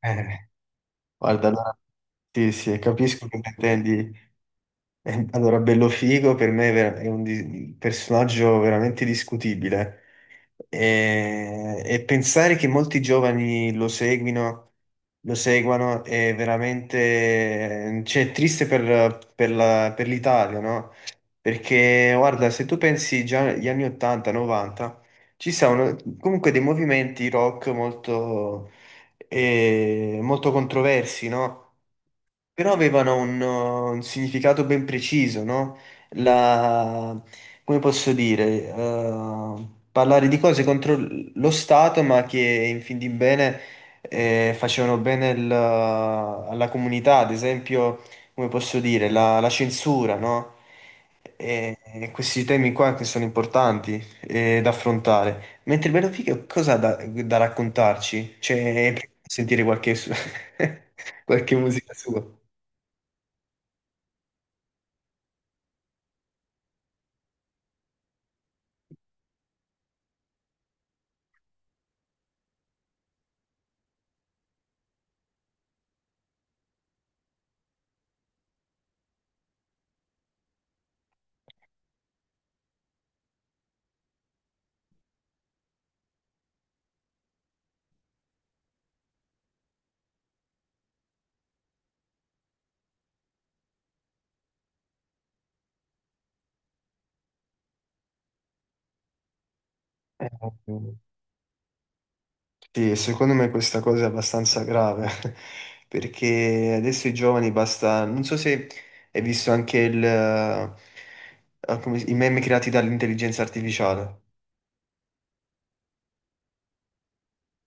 Eh, guarda, allora, sì, sì, capisco che intendi. Allora, Bellofigo per me personaggio veramente discutibile. E pensare che molti giovani lo seguino, lo seguano è veramente, cioè, è triste per l'Italia, no? Perché, guarda, se tu pensi già agli anni 80, 90, ci sono comunque dei movimenti rock molto controversi, no? Però avevano un significato ben preciso, no? La, come posso dire, parlare di cose contro lo Stato, ma che in fin di bene facevano bene alla comunità, ad esempio, come posso dire, la censura, no? E questi temi qua che sono importanti da affrontare. Mentre Benefica cosa ha da raccontarci? Cioè, sentire qualche musica sua. Eh, Sì, secondo me questa cosa è abbastanza grave perché adesso i giovani basta, non so se hai visto anche il, ah, come si- i meme creati dall'intelligenza artificiale,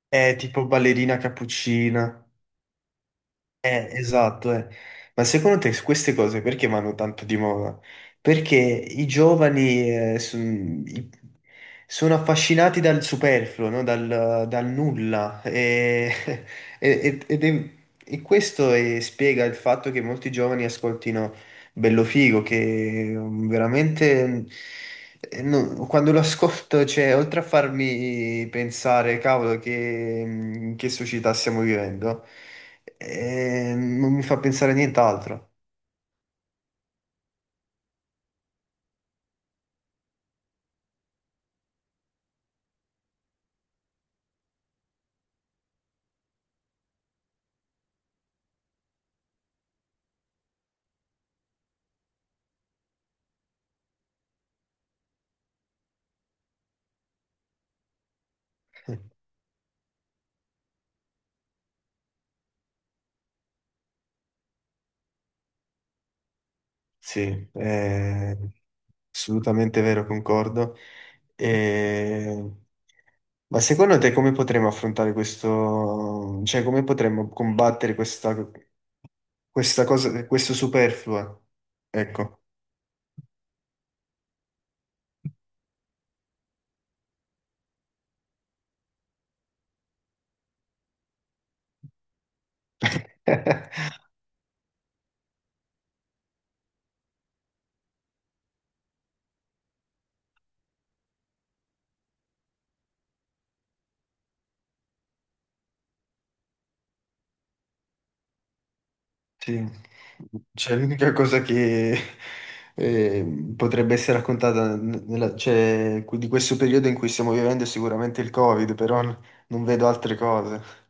è tipo ballerina cappuccina, esatto, eh. Ma secondo te queste cose perché vanno tanto di moda? Perché i giovani sono affascinati dal superfluo, no? Dal nulla. E, ed è- e questo spiega il fatto che molti giovani ascoltino Bello Figo, che veramente quando lo ascolto, cioè, oltre a farmi pensare, cavolo, che società stiamo vivendo, non mi fa pensare a nient'altro. Sì, è assolutamente vero, concordo. E- Ma secondo te come potremmo affrontare questo, cioè come potremmo combattere questa cosa, questo superfluo? Ecco. Sì, cioè l'unica cosa che potrebbe essere raccontata cioè, di questo periodo in cui stiamo vivendo è sicuramente il Covid, però non vedo altre cose.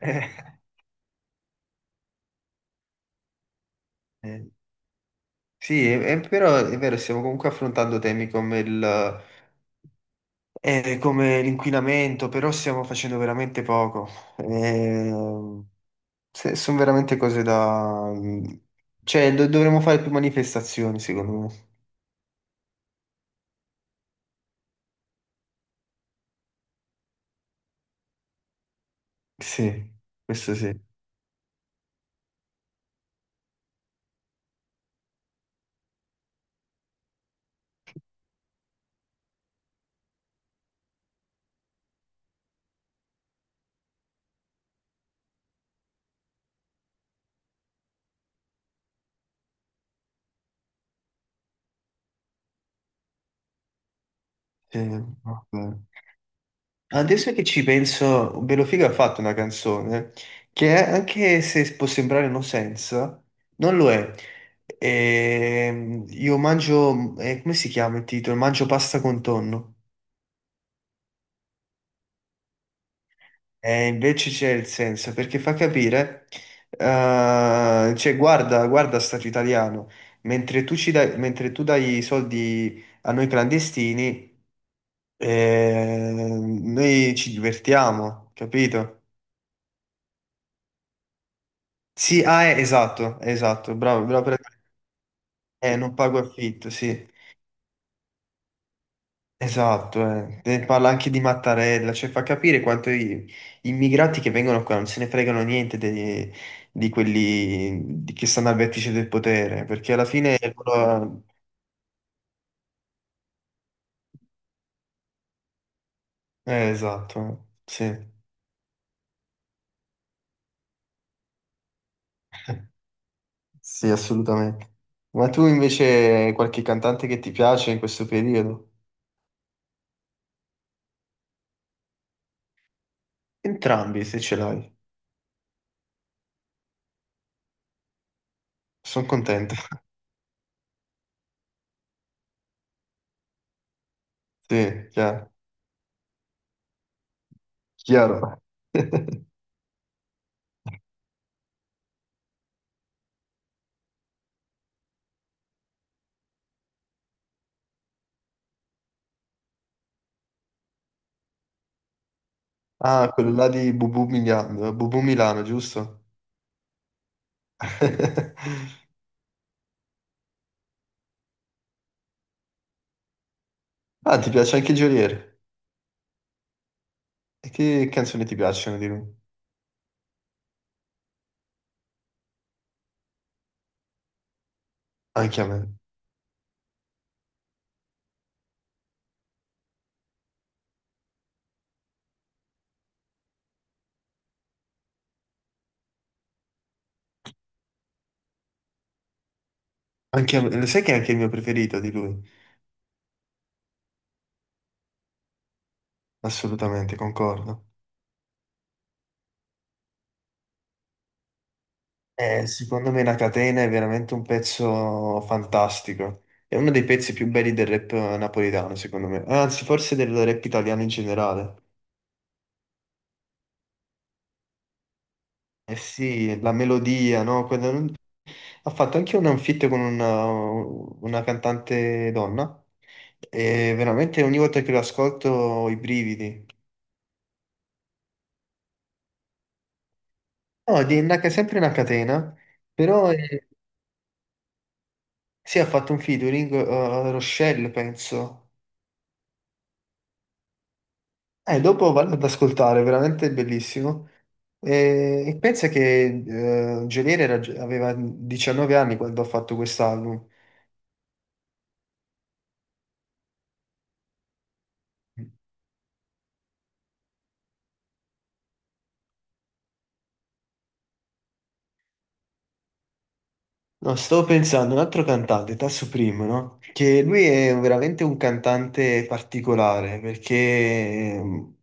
Eh, Sì, però è vero, stiamo comunque affrontando temi come come l'inquinamento, però stiamo facendo veramente poco. Ehm, sono veramente cose da... Cioè, dovremmo fare più manifestazioni, secondo me. Sì, questo sì. Sì, vabbè. Adesso che ci penso, Belofiga ha fatto una canzone che anche se può sembrare no senso, non lo è. Io mangio, come si chiama il titolo? Mangio pasta con tonno. E invece c'è il senso, perché fa capire, cioè guarda, guarda stato italiano, mentre tu dai i soldi a noi clandestini, noi ci divertiamo, capito? Sì, ah, esatto, esatto, bravo, bravo. Per- non pago affitto, sì, esatto. Parla anche di Mattarella, cioè fa capire quanto gli immigrati che vengono qua non se ne fregano niente di quelli che stanno al vertice del potere, perché alla fine... loro- esatto, sì, sì, assolutamente. Ma tu invece hai qualche cantante che ti piace in questo periodo? Entrambi, se ce l'hai. Sono contento. Sì, chiaro. Chiaro. Ah, quello là di Bubu Milano, Bubu Milano, giusto? Ah, ti piace anche Geolier? E che canzoni ti piacciono di lui? Anche a me. Anche a me. Lo sai che è anche il mio preferito di lui? Assolutamente, concordo. Secondo me La Catena è veramente un pezzo fantastico. È uno dei pezzi più belli del rap napoletano, secondo me. Anzi, forse del rap italiano in generale. Eh sì, la melodia, no? Quella non- Ha fatto anche un feat con una cantante donna e veramente ogni volta che lo ascolto ho i brividi. No, di una, sempre una catena, però sì, ha fatto un featuring Rochelle, penso. Dopo vado ad ascoltare, veramente bellissimo. E pensa che Geolier era- aveva 19 anni quando ha fatto quest'album. No, stavo pensando, un altro cantante, Tasso Primo, no? Che lui è veramente un cantante particolare perché ehm,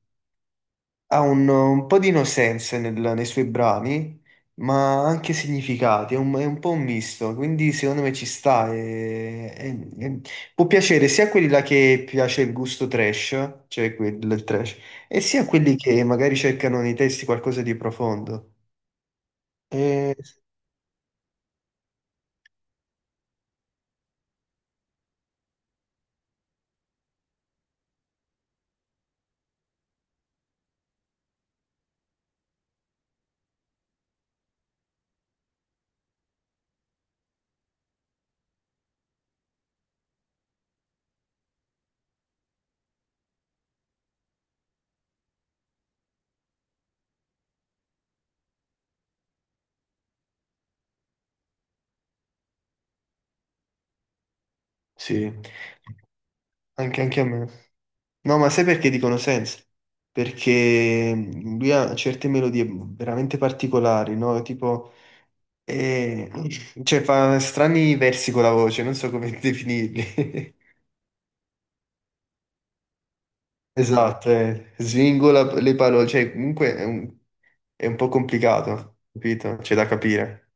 ha un po' di innocenza nei suoi brani, ma anche significati, è è un po' un misto, quindi secondo me ci sta. E può piacere sia a quelli là che piace il gusto trash, cioè quel del trash, e sia a quelli che magari cercano nei testi qualcosa di profondo. E- sì, anche a me. No, ma sai perché dicono sense? Perché lui ha certe melodie veramente particolari, no? Tipo, eh, cioè fa strani versi con la voce, non so come definirli. Esatto, eh. Svingola le parole, cioè comunque è un po' complicato, capito? C'è da capire.